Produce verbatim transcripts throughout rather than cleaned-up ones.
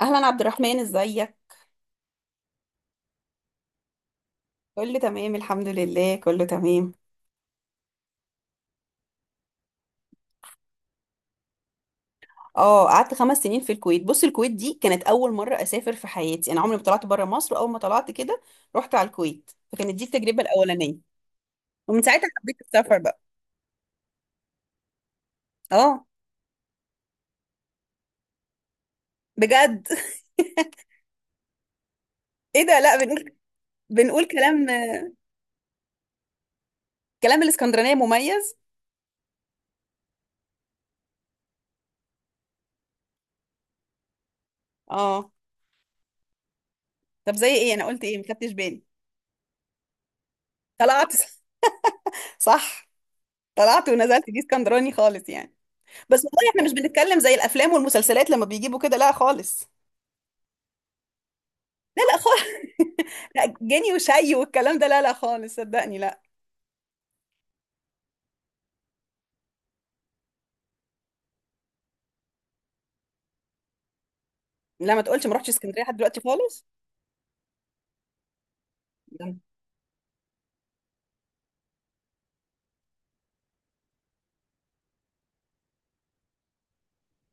اهلا عبد الرحمن، ازيك؟ كله تمام، الحمد لله، كله تمام. اه، قعدت خمس سنين في الكويت. بص، الكويت دي كانت اول مره اسافر في حياتي. انا عمري ما طلعت بره مصر. اول ما طلعت كده رحت على الكويت، فكانت دي التجربه الاولانيه. ومن ساعتها حبيت السفر بقى. اه، بجد؟ ايه ده؟ لا، بنقول بنقول كلام. كلام الاسكندرانيه مميز. اه. طب، زي ايه؟ انا قلت ايه ما خدتش بالي. طلعت. صح. طلعت ونزلت، دي اسكندراني خالص يعني. بس والله احنا مش بنتكلم زي الافلام والمسلسلات لما بيجيبوا كده، لا خالص. لا لا خالص. لا، جاني وشي والكلام ده، لا لا خالص، صدقني، لا. لا، ما تقولش ما رحتش اسكندريه لحد دلوقتي خالص. لا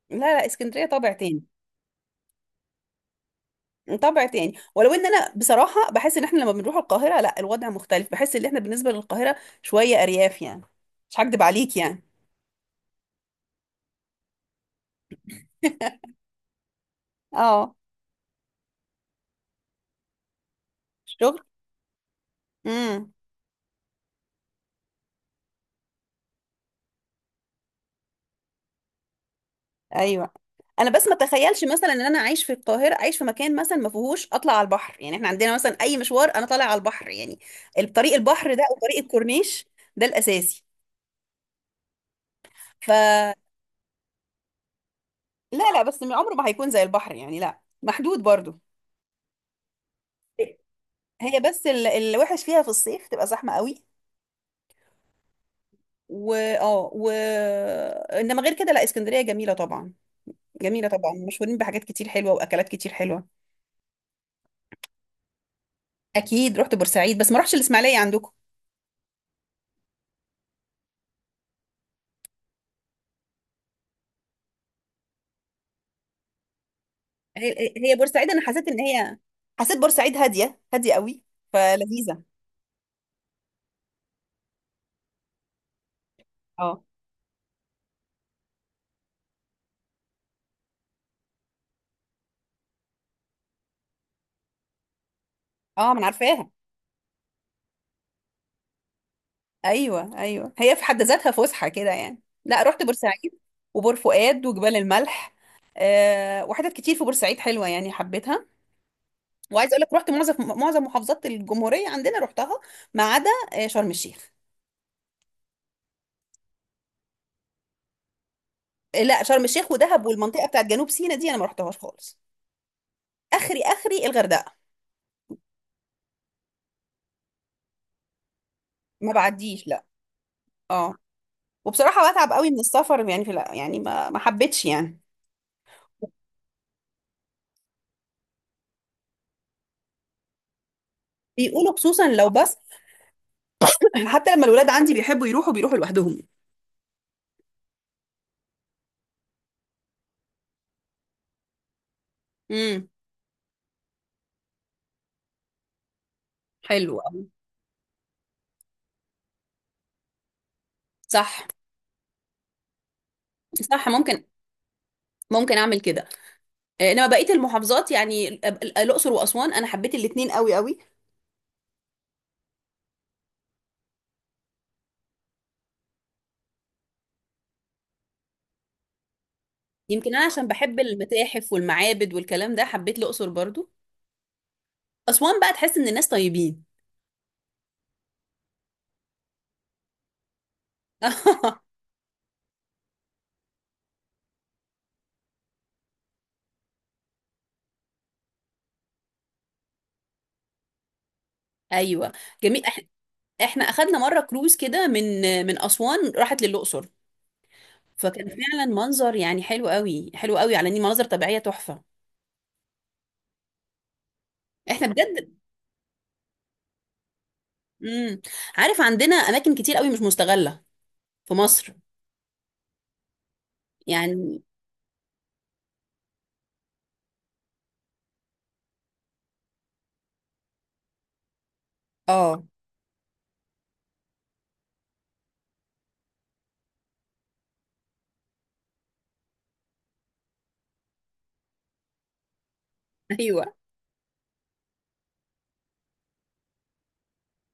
لا، اسكندريه طابع تاني. طابع تاني، ولو ان انا بصراحه بحس ان احنا لما بنروح القاهره، لا، الوضع مختلف. بحس ان احنا بالنسبه للقاهره شويه ارياف يعني. مش هكدب عليك يعني. اه، الشغل. امم. ايوه. انا بس ما اتخيلش مثلا ان انا عايش في القاهره، عايش في مكان مثلا ما فيهوش اطلع على البحر. يعني احنا عندنا مثلا اي مشوار انا طالع على البحر يعني. الطريق البحر ده، وطريق الكورنيش، ده الاساسي. ف لا لا، بس عمره ما هيكون زي البحر يعني، لا محدود برضو. هي بس ال- الوحش فيها في الصيف تبقى زحمة قوي. و اه و انما غير كده، لا، اسكندرية جميلة طبعا. جميلة طبعا، مشهورين بحاجات كتير حلوة واكلات كتير حلوة. اكيد رحت بورسعيد، بس ما رحتش الاسماعيلية عندكم. هي هي بورسعيد انا حسيت ان هي. حسيت بورسعيد هادية هادية قوي، فلذيذة. اه اه، ما انا عارفاها. ايوه ايوه، هي في حد ذاتها فسحه كده يعني. لا، رحت بورسعيد وبور فؤاد وجبال الملح. أه، وحتت كتير في بورسعيد حلوه يعني، حبيتها. وعايز اقول لك رحت معظم معظم محافظات الجمهوريه عندنا، رحتها ما عدا آه، شرم الشيخ. آه، لا، شرم الشيخ ودهب والمنطقه بتاعت جنوب سيناء دي انا ما رحتهاش خالص. اخري اخري الغردقه. ما بعديش، لا. اه، وبصراحه بتعب قوي من السفر يعني. في لا يعني، ما ما حبيتش يعني. بيقولوا خصوصا لو، بس. حتى لما الولاد عندي بيحبوا يروحوا، بيروحوا لوحدهم. امم. حلو. صح صح، ممكن. ممكن اعمل كده. آه، انما بقيه المحافظات، يعني ال- ال- الاقصر واسوان، انا حبيت الاتنين قوي قوي. يمكن انا عشان بحب المتاحف والمعابد والكلام ده حبيت الاقصر برضو. اسوان بقى تحس ان الناس طيبين. ايوه، جميل. إح- احنا اخدنا مره كروز كده، من من اسوان راحت للاقصر، فكان فعلا منظر يعني حلو قوي، حلو قوي، على ان مناظر طبيعيه تحفه. احنا بجد. امم. عارف، عندنا اماكن كتير قوي مش مستغله في مصر. يعني اه. ايوه.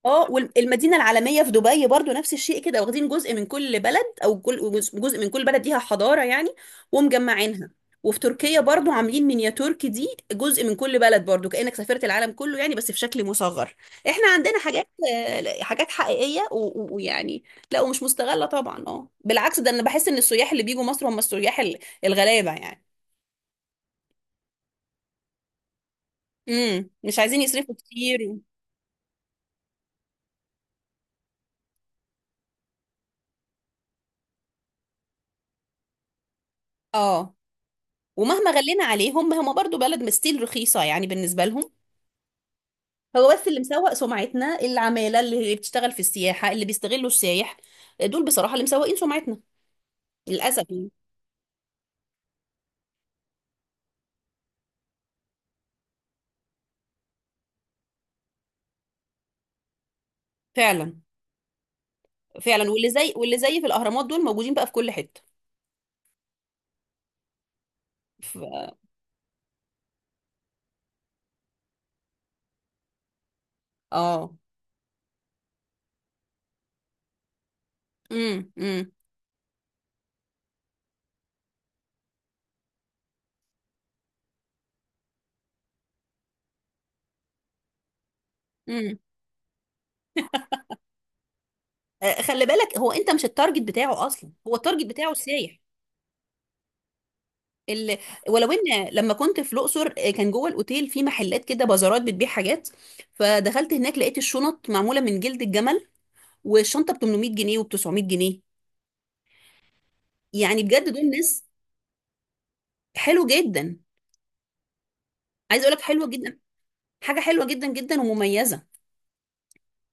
اه، والمدينه العالميه في دبي برضو نفس الشيء كده، واخدين جزء من كل بلد، او كل جزء، جزء من كل بلد ليها حضاره يعني، ومجمعينها. وفي تركيا برضو عاملين مينياتور، دي جزء من كل بلد برضو، كانك سافرت العالم كله يعني، بس في شكل مصغر. احنا عندنا حاجات، آه، حاجات حقيقيه و- و- ويعني. لا، ومش مستغله طبعا. اه، بالعكس، ده انا بحس ان السياح اللي بيجوا مصر هم السياح ال- الغلابه يعني. امم، مش عايزين يصرفوا كتير. و... اه، ومهما غلينا عليهم هم برضو بلد مستيل رخيصه يعني بالنسبه لهم. هو بس اللي مسوق سمعتنا، العمالة اللي بتشتغل في السياحة اللي بيستغلوا السايح، دول بصراحة اللي مسوقين سمعتنا، للأسف يعني. فعلا فعلا. واللي زي واللي زي في الأهرامات دول موجودين بقى في كل حتة. ف... اه. امم امم امم آه، خلي بالك، هو انت مش التارجت بتاعه اصلا، هو التارجت بتاعه السايح اللي. ولو ان لما كنت في الاقصر، آه، كان جوه الاوتيل في محلات كده، بازارات بتبيع حاجات. فدخلت هناك، لقيت الشنط معموله من جلد الجمل، والشنطه ب تمنمية جنيه وب تسعمية جنيه. يعني بجد دول ناس، حلو جدا. عايز اقول لك، حلوه جدا، حاجه حلوه جدا جدا ومميزه.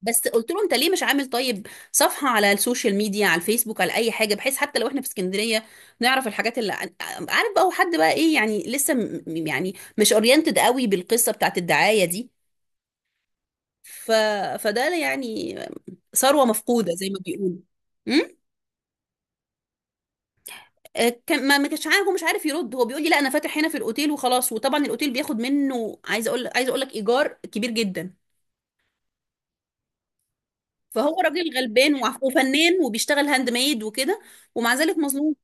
بس قلت له، انت ليه مش عامل طيب صفحه على السوشيال ميديا، على الفيسبوك، على اي حاجه، بحيث حتى لو احنا في اسكندريه نعرف الحاجات اللي. عارف بقى، هو حد بقى ايه يعني، لسه م... م- يعني مش اورينتد قوي بالقصه بتاعت الدعايه دي. ف... فده يعني ثروه مفقوده زي ما بيقولوا. امم. آه، كان، ما ما كانش عارف، هو مش عارف يرد. هو بيقول لي، لا، انا فاتح هنا في الاوتيل وخلاص، وطبعا الاوتيل بياخد منه، عايز اقول عايز اقول لك، ايجار كبير جدا. فهو راجل غلبان، وع- وفنان، وبيشتغل هاند ميد وكده، ومع ذلك مظلوم.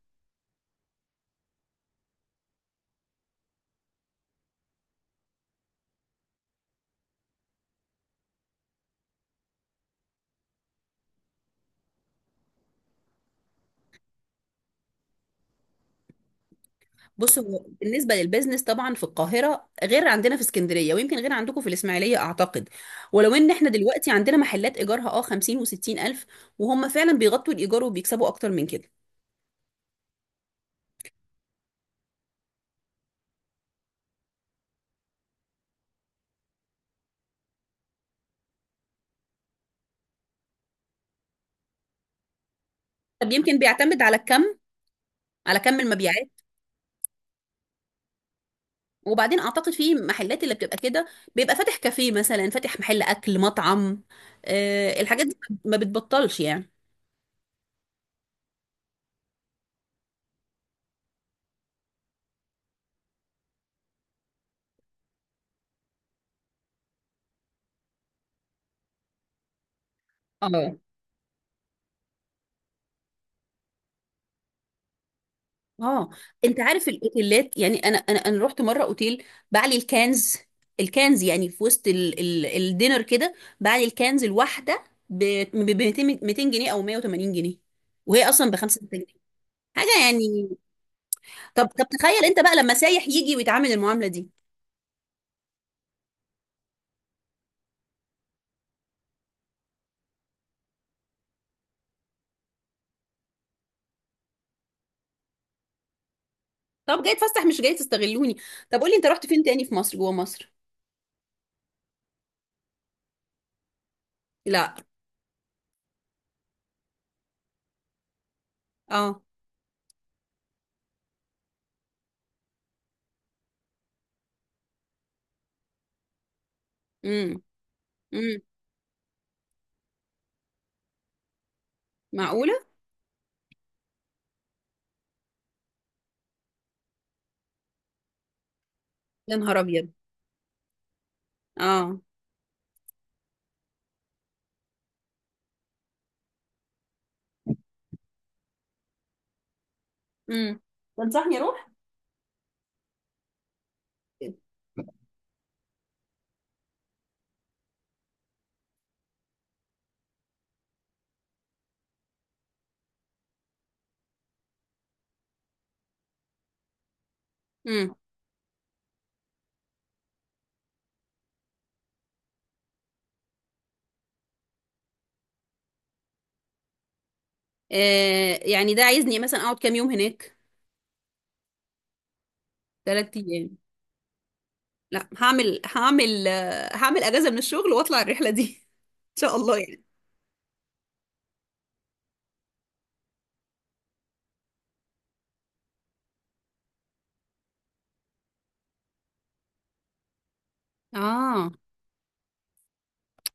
بص، هو بالنسبه للبيزنس طبعا في القاهره غير عندنا في اسكندريه، ويمكن غير عندكم في الاسماعيليه اعتقد. ولو ان احنا دلوقتي عندنا محلات ايجارها اه خمسين و60 الف، وهم فعلا بيغطوا الايجار وبيكسبوا اكتر من كده. طب يمكن بيعتمد على الكم، على كم المبيعات. وبعدين اعتقد في محلات اللي بتبقى كده بيبقى فاتح كافيه مثلا، فاتح محل اكل، مطعم. أه، الحاجات دي ما بتبطلش يعني. اه اه. انت عارف الاوتيلات؟ يعني انا انا انا رحت مره اوتيل بعلي الكنز. الكنز يعني في وسط ال ال الدينر كده، بعلي الكنز الواحده ب ب- ب- 200 200 جنيه او مية وتمانين جنيه، وهي اصلا ب خمسة جنيهات، حاجه يعني. طب طب تخيل انت بقى لما سايح يجي ويتعامل المعامله دي! طب، جاي تفسح مش جاي تستغلوني! طب قولي، انت رحت فين تاني في مصر، جوه مصر؟ لا. اه. امم امم معقوله؟ يا نهار ابيض! اه. امم. تنصحني اروح؟ امم. آه يعني ده عايزني مثلا اقعد كام يوم هناك؟ ثلاث ايام. لا، هعمل هعمل آه، هعمل اجازه من الشغل واطلع الرحله دي. ان شاء الله يعني. اه،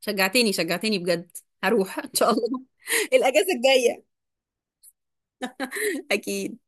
شجعتني شجعتني بجد. هروح ان شاء الله. الاجازه الجايه. اكيد.